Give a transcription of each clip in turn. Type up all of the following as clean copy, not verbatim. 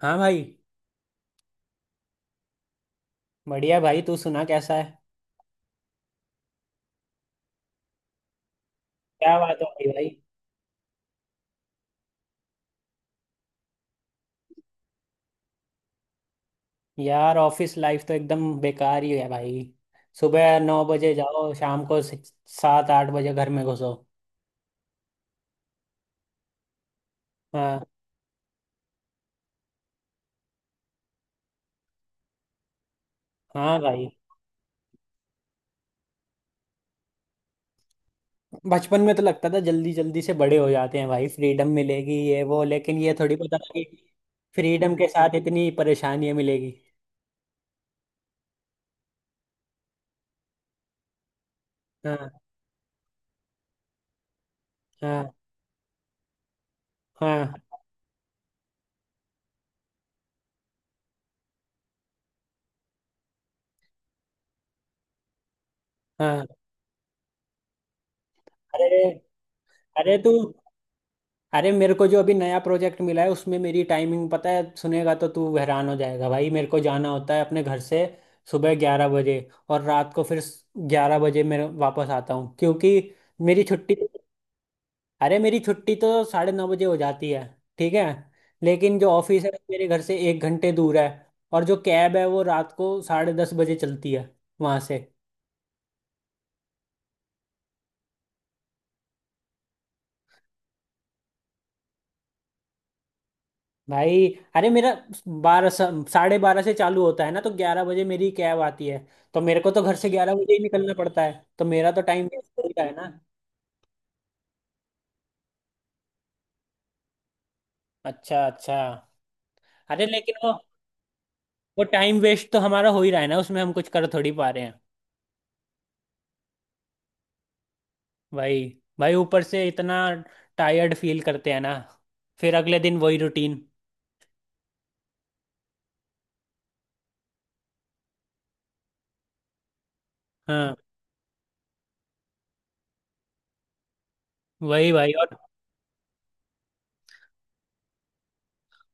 हाँ भाई। बढ़िया भाई, तू सुना, कैसा है? क्या बात हो गई भाई? यार ऑफिस लाइफ तो एकदम बेकार ही है भाई। सुबह 9 बजे जाओ, शाम को 7, 8 बजे घर में घुसो। हाँ। हाँ भाई। बचपन में तो लगता था जल्दी जल्दी से बड़े हो जाते हैं भाई, फ्रीडम मिलेगी ये वो, लेकिन ये थोड़ी पता था कि फ्रीडम के साथ इतनी परेशानियां मिलेगी। हाँ। हाँ। हाँ। हाँ। अरे। अरे तू। अरे मेरे को जो अभी नया प्रोजेक्ट मिला है उसमें मेरी टाइमिंग पता है, सुनेगा तो तू हैरान हो जाएगा भाई। मेरे को जाना होता है अपने घर से सुबह 11 बजे, और रात को फिर 11 बजे मैं वापस आता हूँ, क्योंकि मेरी छुट्टी। अरे, मेरी छुट्टी तो 9:30 बजे हो जाती है, ठीक है, लेकिन जो ऑफिस है वो मेरे घर से 1 घंटे दूर है। और जो कैब है वो रात को 10:30 बजे चलती है वहाँ से। भाई। अरे मेरा बारह 12:30 से चालू होता है ना, तो 11 बजे मेरी कैब आती है, तो मेरे को तो घर से 11 बजे ही निकलना पड़ता है, तो मेरा तो टाइम वेस्ट हो ही रहा है ना। अच्छा अच्छा। अरे लेकिन वो टाइम वेस्ट तो हमारा हो ही रहा है ना, उसमें हम कुछ कर थोड़ी पा रहे हैं। भाई। भाई ऊपर से इतना टायर्ड फील करते हैं ना, फिर अगले दिन वही रूटीन। हाँ। वही भाई। और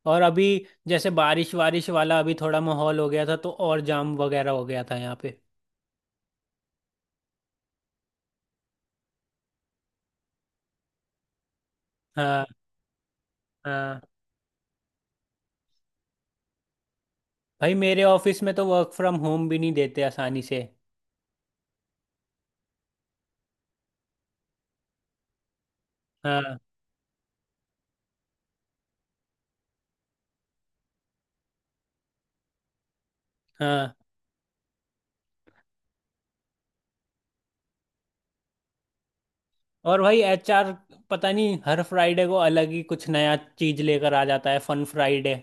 और अभी जैसे बारिश वारिश वाला अभी थोड़ा माहौल हो गया था, तो और जाम वगैरह हो गया था यहाँ पे। हाँ। हाँ भाई, मेरे ऑफिस में तो वर्क फ्रॉम होम भी नहीं देते आसानी से। हाँ। हाँ। और भाई एचआर पता नहीं हर फ्राइडे को अलग ही कुछ नया चीज लेकर आ जाता है, फन फ्राइडे।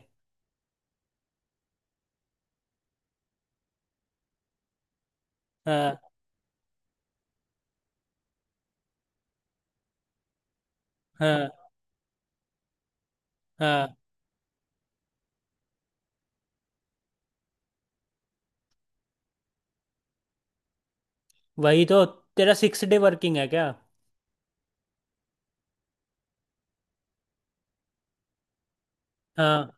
हाँ। हाँ। हाँ। वही तो। तेरा सिक्स डे वर्किंग है क्या? हाँ।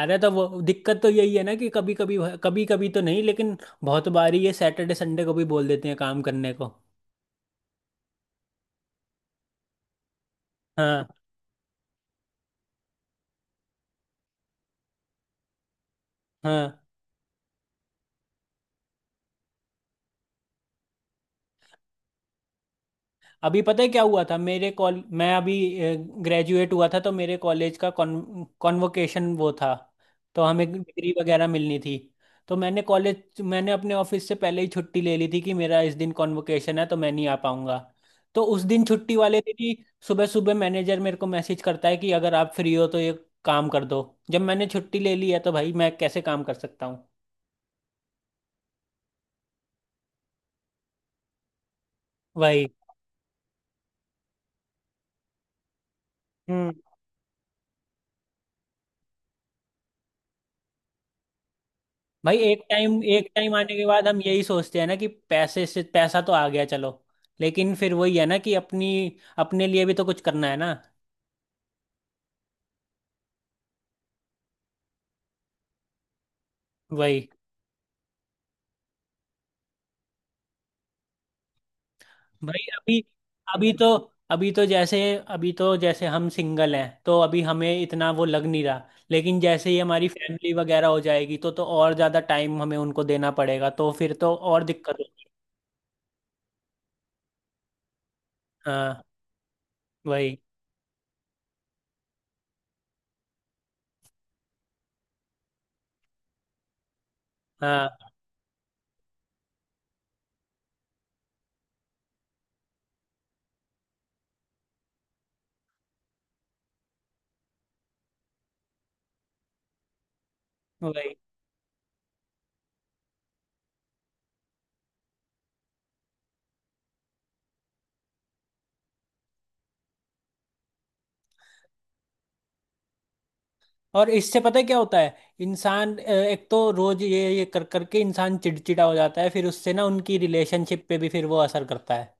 अरे तो वो दिक्कत तो यही है ना कि कभी कभी, कभी कभी तो नहीं, लेकिन बहुत बार ही ये सैटरडे संडे को भी बोल देते हैं काम करने को। हाँ। हाँ। अभी पता है क्या हुआ था, मेरे कॉल मैं अभी ग्रेजुएट हुआ था, तो मेरे कॉलेज का कॉन्वोकेशन वो था। तो हमें डिग्री वगैरह मिलनी थी। तो मैंने अपने ऑफिस से पहले ही छुट्टी ले ली थी कि मेरा इस दिन कॉन्वोकेशन है तो मैं नहीं आ पाऊंगा। तो उस दिन छुट्टी वाले दिन ही सुबह सुबह मैनेजर मेरे को मैसेज करता है कि अगर आप फ्री हो तो ये काम कर दो। जब मैंने छुट्टी ले ली है तो भाई मैं कैसे काम कर सकता हूँ? वही। हम्म। भाई एक टाइम आने के बाद हम यही सोचते हैं ना कि पैसे से पैसा तो आ गया चलो, लेकिन फिर वही है ना कि अपनी अपने लिए भी तो कुछ करना है ना। वही भाई। अभी अभी तो अभी तो जैसे अभी तो जैसे हम सिंगल हैं तो अभी हमें इतना वो लग नहीं रहा, लेकिन जैसे ही हमारी फैमिली वगैरह हो जाएगी तो और ज़्यादा टाइम हमें उनको देना पड़ेगा, तो फिर तो और दिक्कत होगी। हाँ। वही। हाँ। वही। और इससे पता है क्या होता है। इंसान एक तो रोज ये कर करके इंसान चिड़चिड़ा हो जाता है, फिर उससे ना उनकी रिलेशनशिप पे भी फिर वो असर करता है।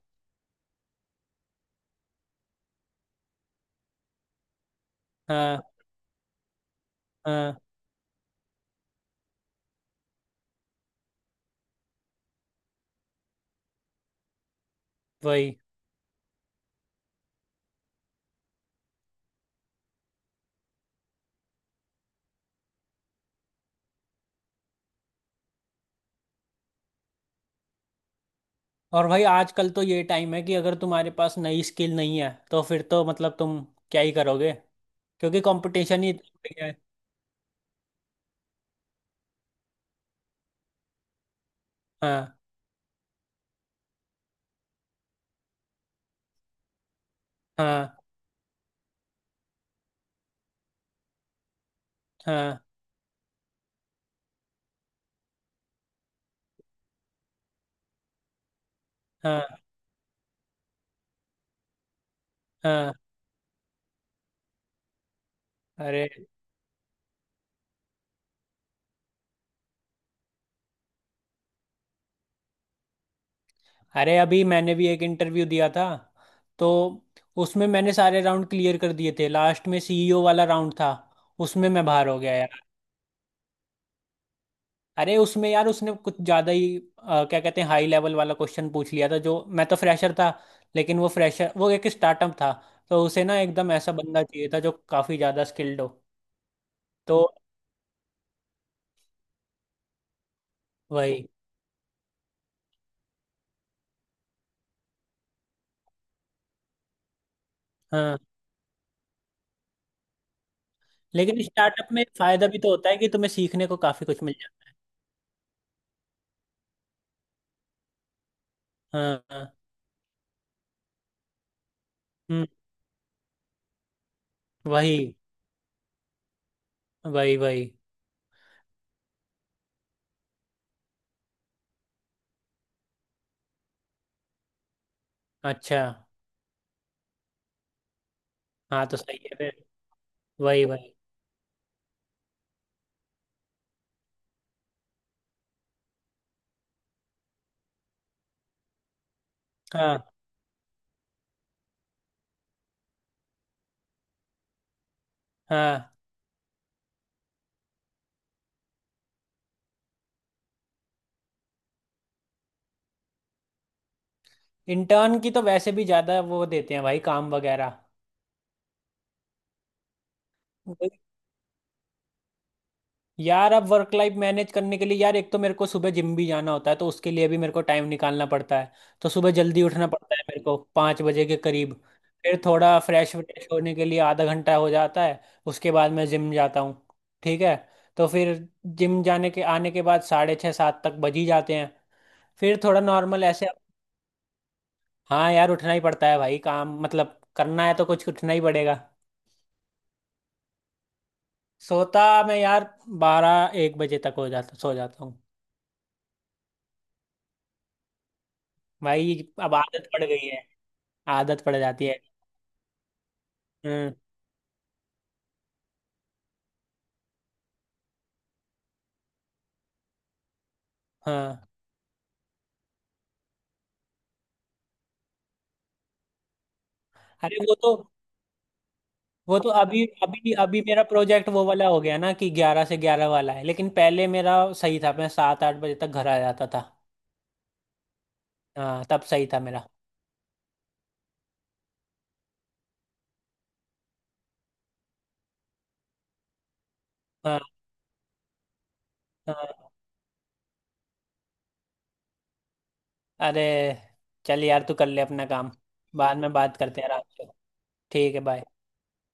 हाँ। हाँ। वही। और भाई आजकल तो ये टाइम है कि अगर तुम्हारे पास नई स्किल नहीं है तो फिर तो मतलब तुम क्या ही करोगे, क्योंकि कंपटीशन ही इतना बढ़ गया है। हाँ। हाँ। हाँ। हाँ। हाँ। हाँ। अरे। अरे अभी मैंने भी एक इंटरव्यू दिया था, तो उसमें मैंने सारे राउंड क्लियर कर दिए थे, लास्ट में सीईओ वाला राउंड था, उसमें मैं बाहर हो गया यार। अरे उसमें यार, उसने कुछ ज़्यादा ही क्या कहते हैं, हाई लेवल वाला क्वेश्चन पूछ लिया था, जो मैं तो फ्रेशर था। लेकिन वो फ्रेशर, वो एक स्टार्टअप था, तो उसे ना एकदम ऐसा बंदा चाहिए था जो काफ़ी ज़्यादा स्किल्ड हो। तो वही। हाँ। लेकिन स्टार्टअप में फ़ायदा भी तो होता है कि तुम्हें सीखने को काफ़ी कुछ मिल जाता है। हाँ। हाँ। हम्म। वही। वही। वही। अच्छा। हाँ तो सही है फिर। वही। वही। हाँ। हाँ। इंटर्न की तो वैसे भी ज्यादा वो देते हैं भाई काम वगैरह। वही। यार अब वर्क लाइफ मैनेज करने के लिए यार, एक तो मेरे को सुबह जिम भी जाना होता है, तो उसके लिए भी मेरे को टाइम निकालना पड़ता है। तो सुबह जल्दी उठना पड़ता है मेरे को 5 बजे के करीब। फिर थोड़ा फ्रेश व्रेश होने के लिए आधा घंटा हो जाता है। उसके बाद मैं जिम जाता हूँ। ठीक है। तो फिर जिम जाने के आने के बाद 6:30, 7 तक बज ही जाते हैं। फिर थोड़ा नॉर्मल ऐसे। हाँ यार, उठना ही पड़ता है भाई, काम मतलब करना है तो कुछ उठना ही पड़ेगा। सोता मैं यार 12, 1 बजे तक हो जाता, सो जाता हूँ। भाई अब आदत पड़ गई है। आदत पड़ जाती है। हम्म। हाँ। अरे वो तो। वो तो अभी अभी अभी मेरा प्रोजेक्ट वो वाला हो गया ना कि 11 से 11 वाला है, लेकिन पहले मेरा सही था, मैं 7, 8 बजे तक घर आ जाता था। हाँ तब सही था मेरा। हाँ। हाँ। अरे चल यार, तू कर ले अपना काम। बाद में बात करते हैं आराम से। ठीक है, बाय।